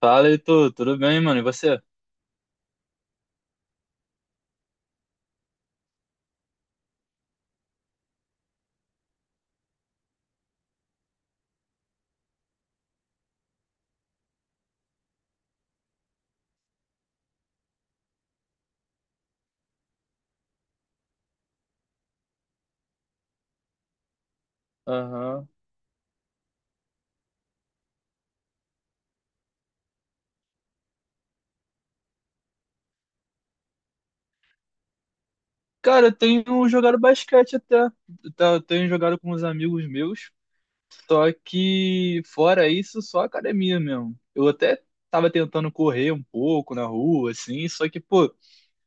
Fala, Heitor, tudo bem, mano? E você? Aham. Cara, eu tenho jogado basquete até. Tá. Eu tenho jogado com uns amigos meus. Só que, fora isso, só academia mesmo. Eu até tava tentando correr um pouco na rua, assim. Só que, pô,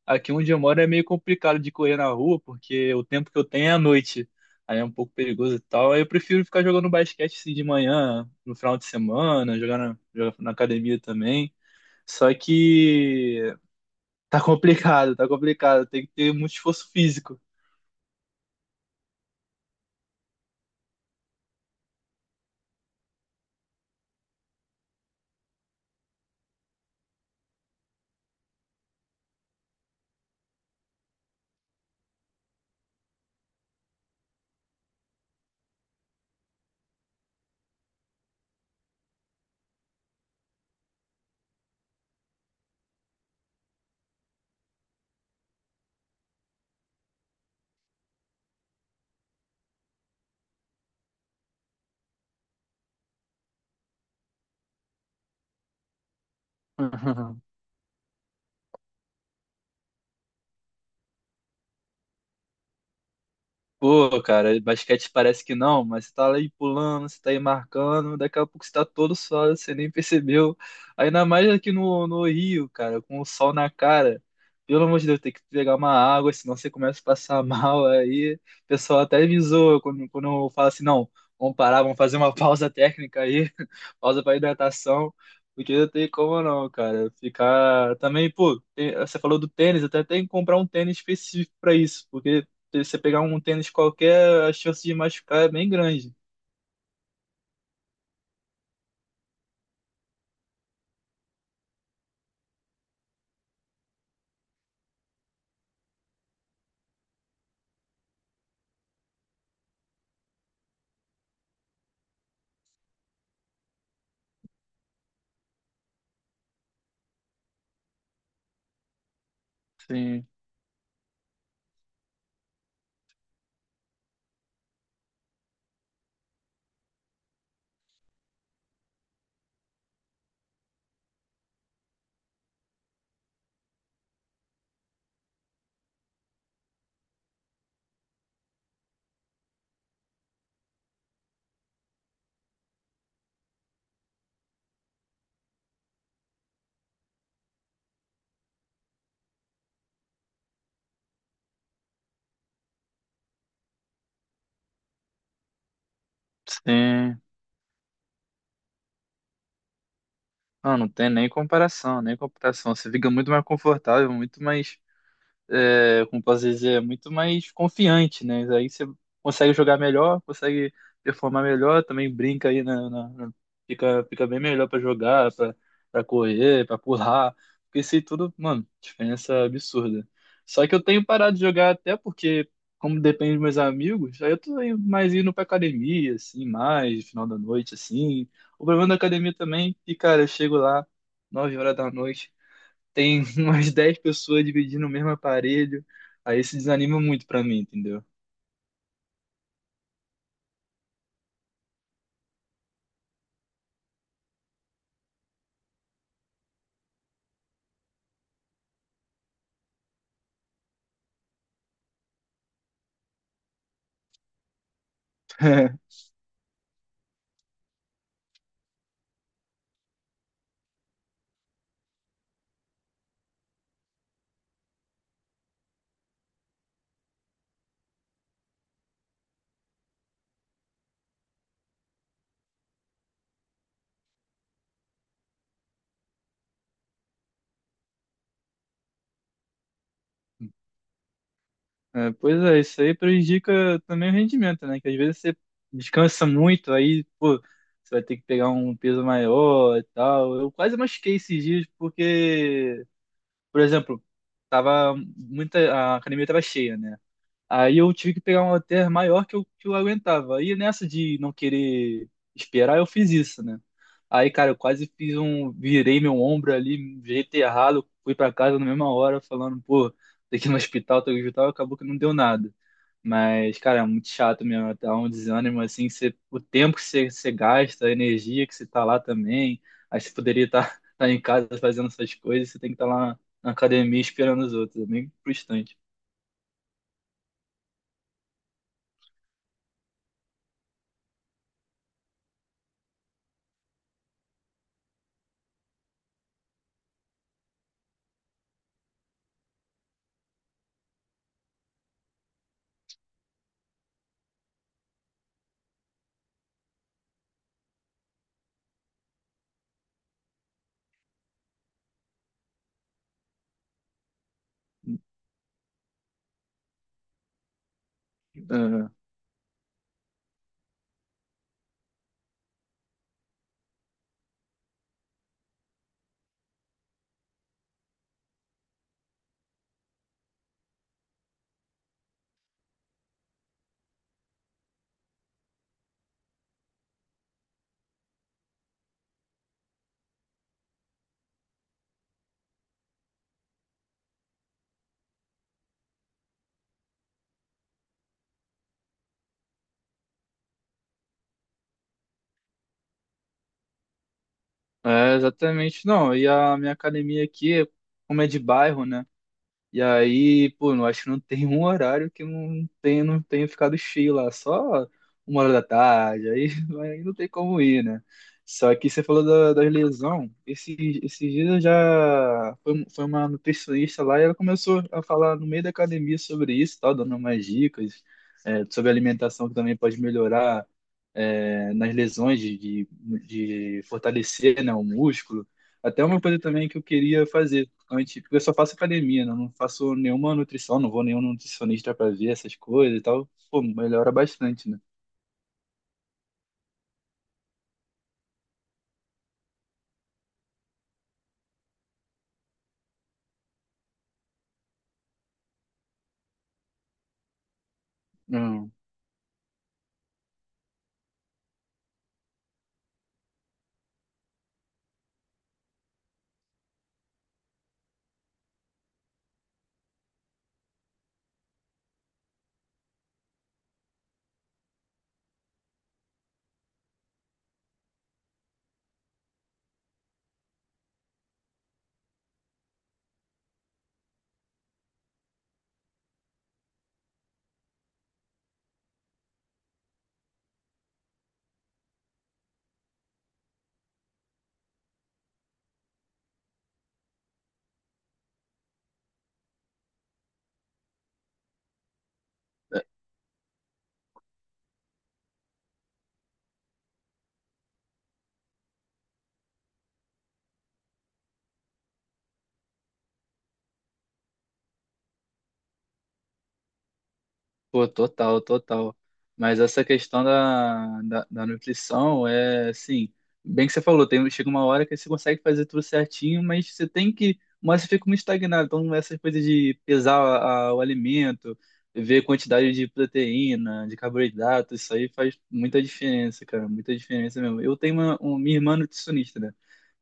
aqui onde eu moro é meio complicado de correr na rua, porque o tempo que eu tenho é à noite. Aí é um pouco perigoso e tal. Aí eu prefiro ficar jogando basquete assim, de manhã, no final de semana, jogar na academia também. Só que. Tá complicado, tá complicado. Tem que ter muito esforço físico. Pô, cara, basquete parece que não, mas você tá aí pulando, você tá aí marcando, daqui a pouco você tá todo suado, você nem percebeu. Ainda mais aqui no Rio, cara, com o sol na cara. Pelo amor de Deus, tem que pegar uma água, senão você começa a passar mal. Aí o pessoal até me zoa quando eu falo assim: não, vamos parar, vamos fazer uma pausa técnica aí, pausa pra hidratação, porque não tem como não, cara. Ficar também, pô, você falou do tênis, até tem que comprar um tênis específico pra isso, porque se você pegar um tênis qualquer, a chance de machucar é bem grande. Sim, sim. Ah, não tem nem comparação, nem comparação. Você fica muito mais confortável, muito mais como posso dizer, muito mais confiante, né? Aí você consegue jogar melhor, consegue performar melhor, também brinca aí fica, fica bem melhor pra jogar, pra correr, pra pular, porque isso aí tudo, mano, diferença absurda. Só que eu tenho parado de jogar até porque como depende dos meus amigos, aí eu tô aí mais indo pra academia, assim, mais, no final da noite, assim. O problema da academia também, e cara, eu chego lá, 9 horas da noite, tem umas 10 pessoas dividindo o mesmo aparelho. Aí isso desanima muito pra mim, entendeu? É, pois é, isso aí prejudica também o rendimento, né? Que às vezes você descansa muito, aí, pô, você vai ter que pegar um peso maior e tal. Eu quase machuquei esses dias porque, por exemplo, tava muita, a academia tava cheia, né? Aí eu tive que pegar um hotel maior que eu aguentava. Aí nessa de não querer esperar, eu fiz isso, né? Aí, cara, eu quase fiz um. Virei meu ombro ali, de jeito errado, fui pra casa na mesma hora, falando, pô, tem que ir no hospital, tem que ir no hospital, acabou que não deu nada. Mas, cara, é muito chato mesmo, dá um desânimo, assim, que você, o tempo que você gasta, a energia que você tá lá também. Aí você poderia estar em casa fazendo essas coisas, você tem que estar lá na academia esperando os outros, é bem frustrante. É, exatamente. Não, e a minha academia aqui, como é de bairro, né? E aí, pô, não acho que não tem um horário que não tenha, não tenha ficado cheio lá, só uma hora da tarde, aí, aí não tem como ir, né? Só que você falou da lesão, esses dias eu foi uma nutricionista lá e ela começou a falar no meio da academia sobre isso, e tal, dando umas dicas, sobre alimentação que também pode melhorar nas lesões, de fortalecer né, o músculo. Até uma coisa também que eu queria fazer antes, porque eu só faço academia, né? Eu não faço nenhuma nutrição, não vou nenhum nutricionista para ver essas coisas e tal. Pô, melhora bastante, né? Hum. Pô, total, total. Mas essa questão da nutrição é assim, bem que você falou, tem, chega uma hora que você consegue fazer tudo certinho, mas você tem que, mas você fica muito estagnado. Então, essas coisas de pesar o alimento, ver quantidade de proteína, de carboidrato, isso aí faz muita diferença, cara, muita diferença mesmo. Eu tenho minha irmã nutricionista, né?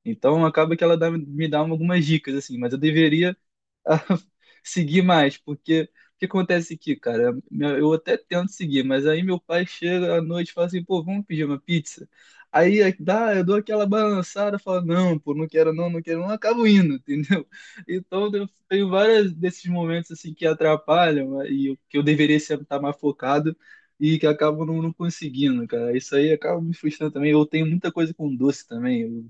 Então acaba que ela me dá algumas dicas, assim, mas eu deveria a seguir mais, porque o que acontece aqui, cara? Eu até tento seguir, mas aí meu pai chega à noite e fala assim, pô, vamos pedir uma pizza. Dá, eu dou aquela balançada, falo, não, pô, não quero não, não quero não, acabo indo, entendeu? Então eu tenho vários desses momentos assim que atrapalham né, que eu deveria estar mais focado e que acabo não, não conseguindo, cara. Isso aí acaba me frustrando também. Eu tenho muita coisa com doce também.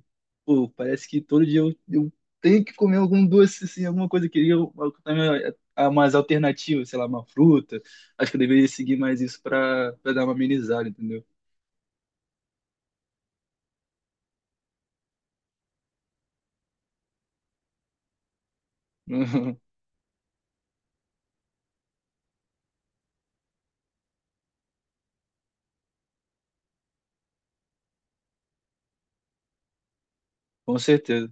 Pô, parece que todo dia eu, tenho que comer algum doce, assim, alguma coisa eu também, ah, mais alternativa, sei lá, uma fruta. Acho que eu deveria seguir mais isso para dar uma amenizada, entendeu? Com certeza,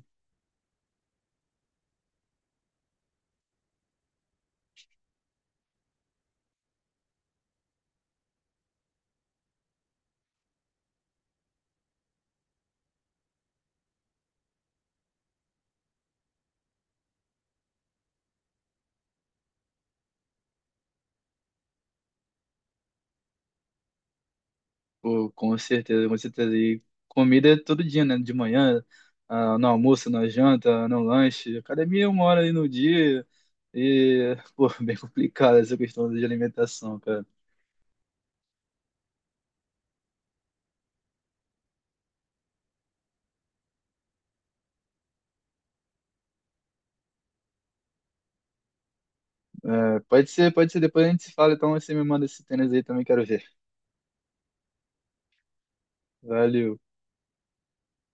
pô, com certeza, com certeza. E comida é todo dia, né? De manhã, ah, no almoço, na janta, no lanche. Academia é uma hora aí no dia. E, pô, bem complicada essa questão de alimentação, cara. É, pode ser, pode ser. Depois a gente se fala, então você me manda esse tênis aí também, quero ver. Valeu.